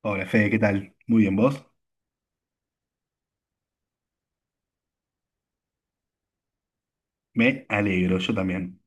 Hola Fede, ¿qué tal? Muy bien, ¿vos? Me alegro, yo también.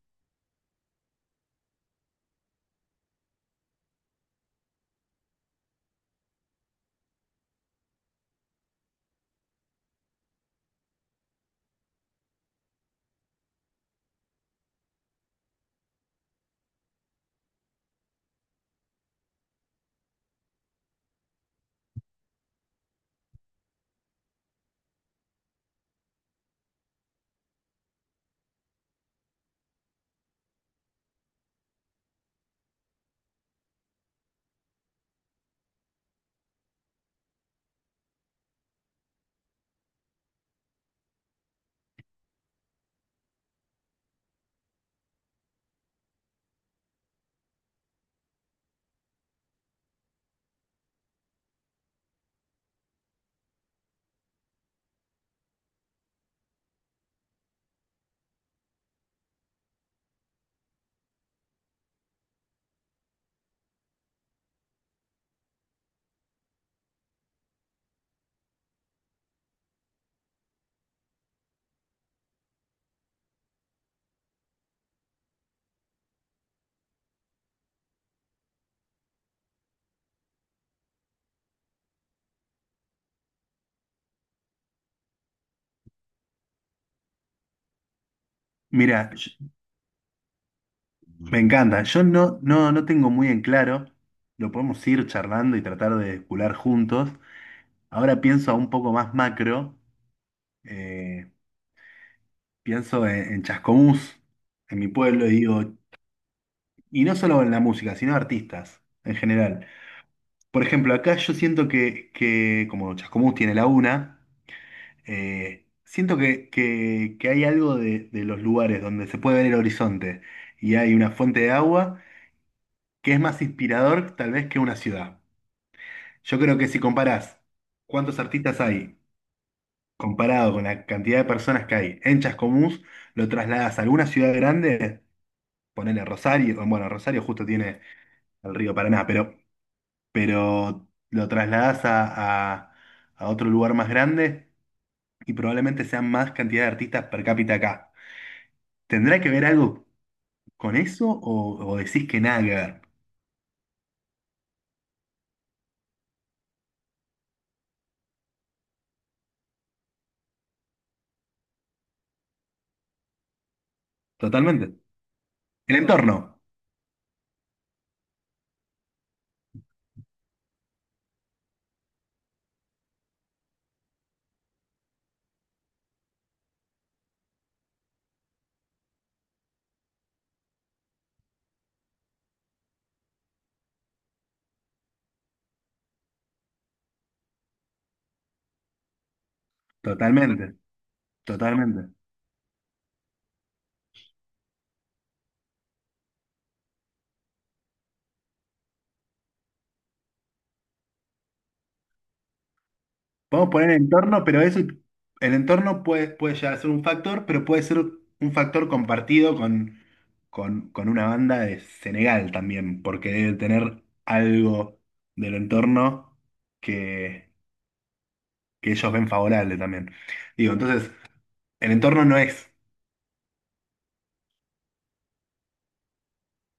Mira, me encanta. Yo no tengo muy en claro. Lo podemos ir charlando y tratar de cular juntos. Ahora pienso a un poco más macro. eh, Pienso en Chascomús, en mi pueblo, y digo, y no solo en la música, sino artistas en general. Por ejemplo, acá yo siento que como Chascomús tiene la UNA. Siento que hay algo de los lugares donde se puede ver el horizonte y hay una fuente de agua que es más inspirador tal vez que una ciudad. Yo creo que si comparás cuántos artistas hay comparado con la cantidad de personas que hay en Chascomús, lo trasladas a alguna ciudad grande, ponele Rosario. Bueno, Rosario justo tiene el río Paraná, pero lo trasladas a otro lugar más grande y probablemente sean más cantidad de artistas per cápita acá. ¿Tendrá que ver algo con eso o decís que nada que ver? Totalmente. El entorno. Totalmente. Totalmente. Podemos poner el entorno, pero eso, el entorno puede llegar a ser un factor, pero puede ser un factor compartido con una banda de Senegal también, porque debe tener algo del entorno que, que ellos ven favorable también. Digo, entonces, el entorno no es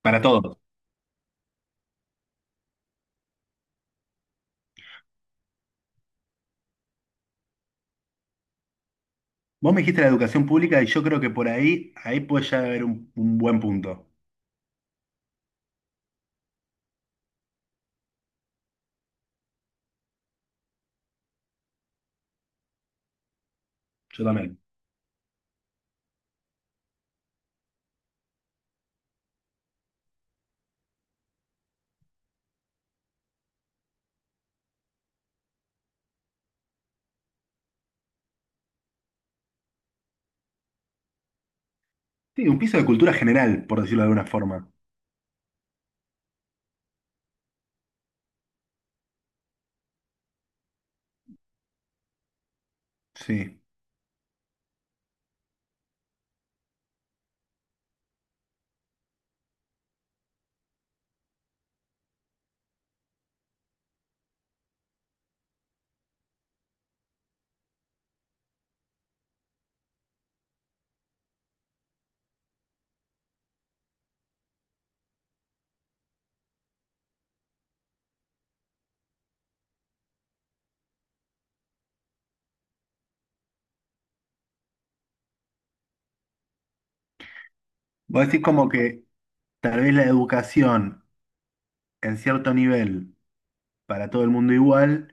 para todos. Vos me dijiste la educación pública y yo creo que por ahí, ahí puede ya haber un buen punto. Yo también. Sí, un piso de cultura general, por decirlo de alguna forma. Sí. Vos decís como que tal vez la educación en cierto nivel, para todo el mundo igual,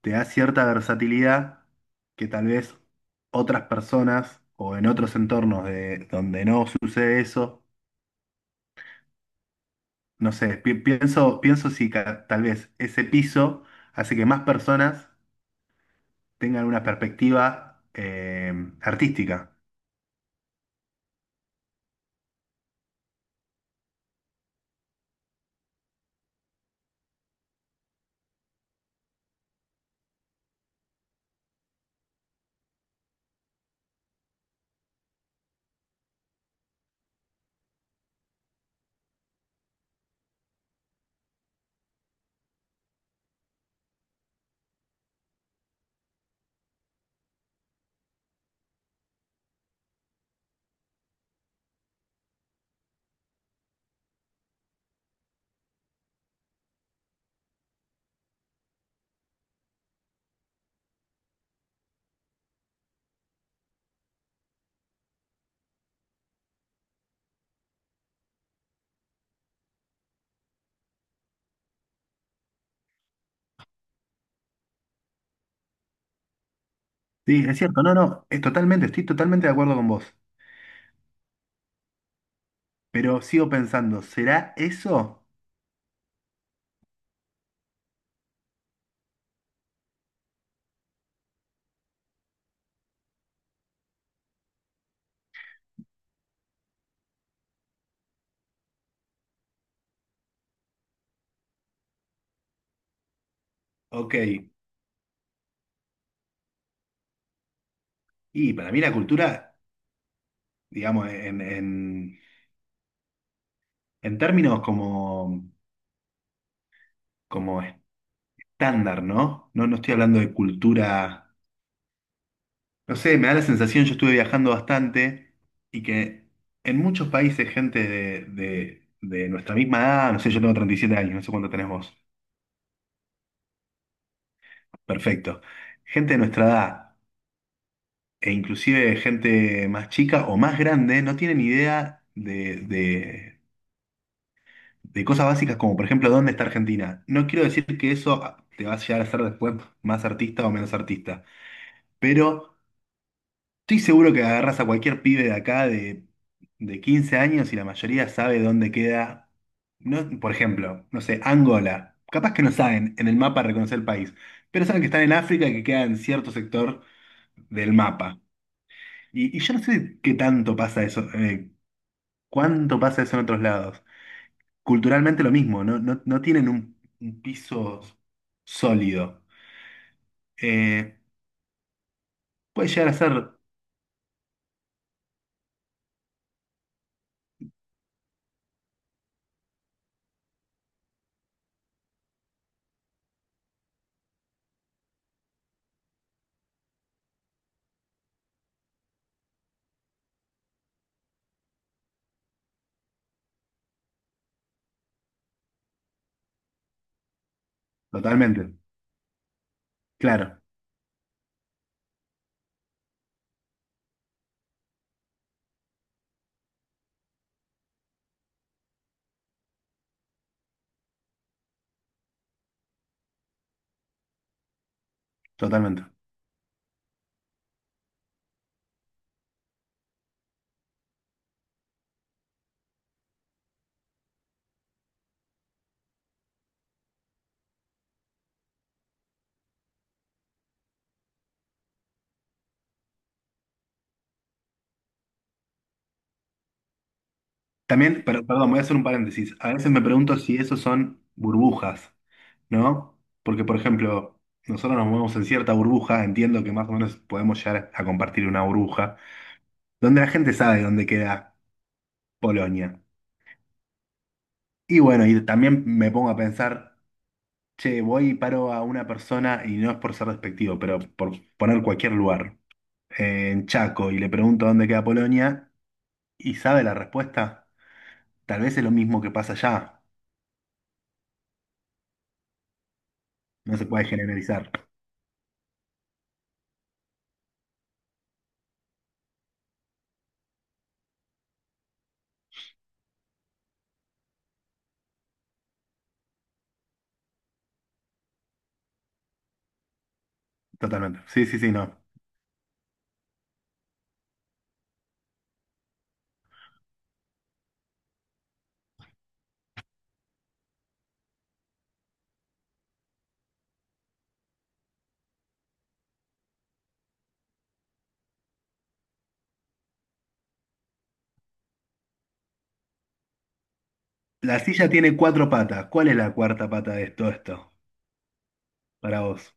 te da cierta versatilidad que tal vez otras personas o en otros entornos donde no sucede eso, no sé, pienso si tal vez ese piso hace que más personas tengan una perspectiva artística. Sí, es cierto, no, no, es totalmente, estoy totalmente de acuerdo con vos, pero sigo pensando, ¿será eso? Ok, y para mí la cultura, digamos, en términos como, como estándar, ¿no? No estoy hablando de cultura, no sé, me da la sensación, yo estuve viajando bastante y que en muchos países gente de nuestra misma edad, no sé, yo tengo 37 años, no sé cuánto tenés vos. Perfecto. Gente de nuestra edad, e inclusive gente más chica o más grande, no tienen idea de cosas básicas como, por ejemplo, dónde está Argentina. No quiero decir que eso ah, te va a llegar a hacer después más artista o menos artista, pero estoy seguro que agarras a cualquier pibe de acá de 15 años y la mayoría sabe dónde queda, no, por ejemplo, no sé, Angola. Capaz que no saben en el mapa reconocer el país, pero saben que están en África y que queda en cierto sector del mapa. Y yo no sé qué tanto pasa eso, cuánto pasa eso en otros lados. Culturalmente lo mismo, no tienen un piso sólido. Eh, Puede llegar a ser totalmente, claro, totalmente. También, pero, perdón, voy a hacer un paréntesis. A veces me pregunto si esos son burbujas, ¿no? Porque, por ejemplo, nosotros nos movemos en cierta burbuja, entiendo que más o menos podemos llegar a compartir una burbuja, donde la gente sabe dónde queda Polonia. Y bueno, y también me pongo a pensar. Che, voy y paro a una persona, y no es por ser despectivo, pero por poner cualquier lugar, en Chaco, y le pregunto dónde queda Polonia, y sabe la respuesta, tal vez es lo mismo que pasa allá. No se puede generalizar. Totalmente. Sí, sí, sí, no. La silla tiene cuatro patas. ¿Cuál es la cuarta pata de todo esto? Para vos.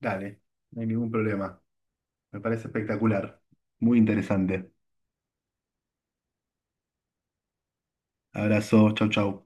Dale, no hay ningún problema. Me parece espectacular. Muy interesante. Abrazo, chau, chau.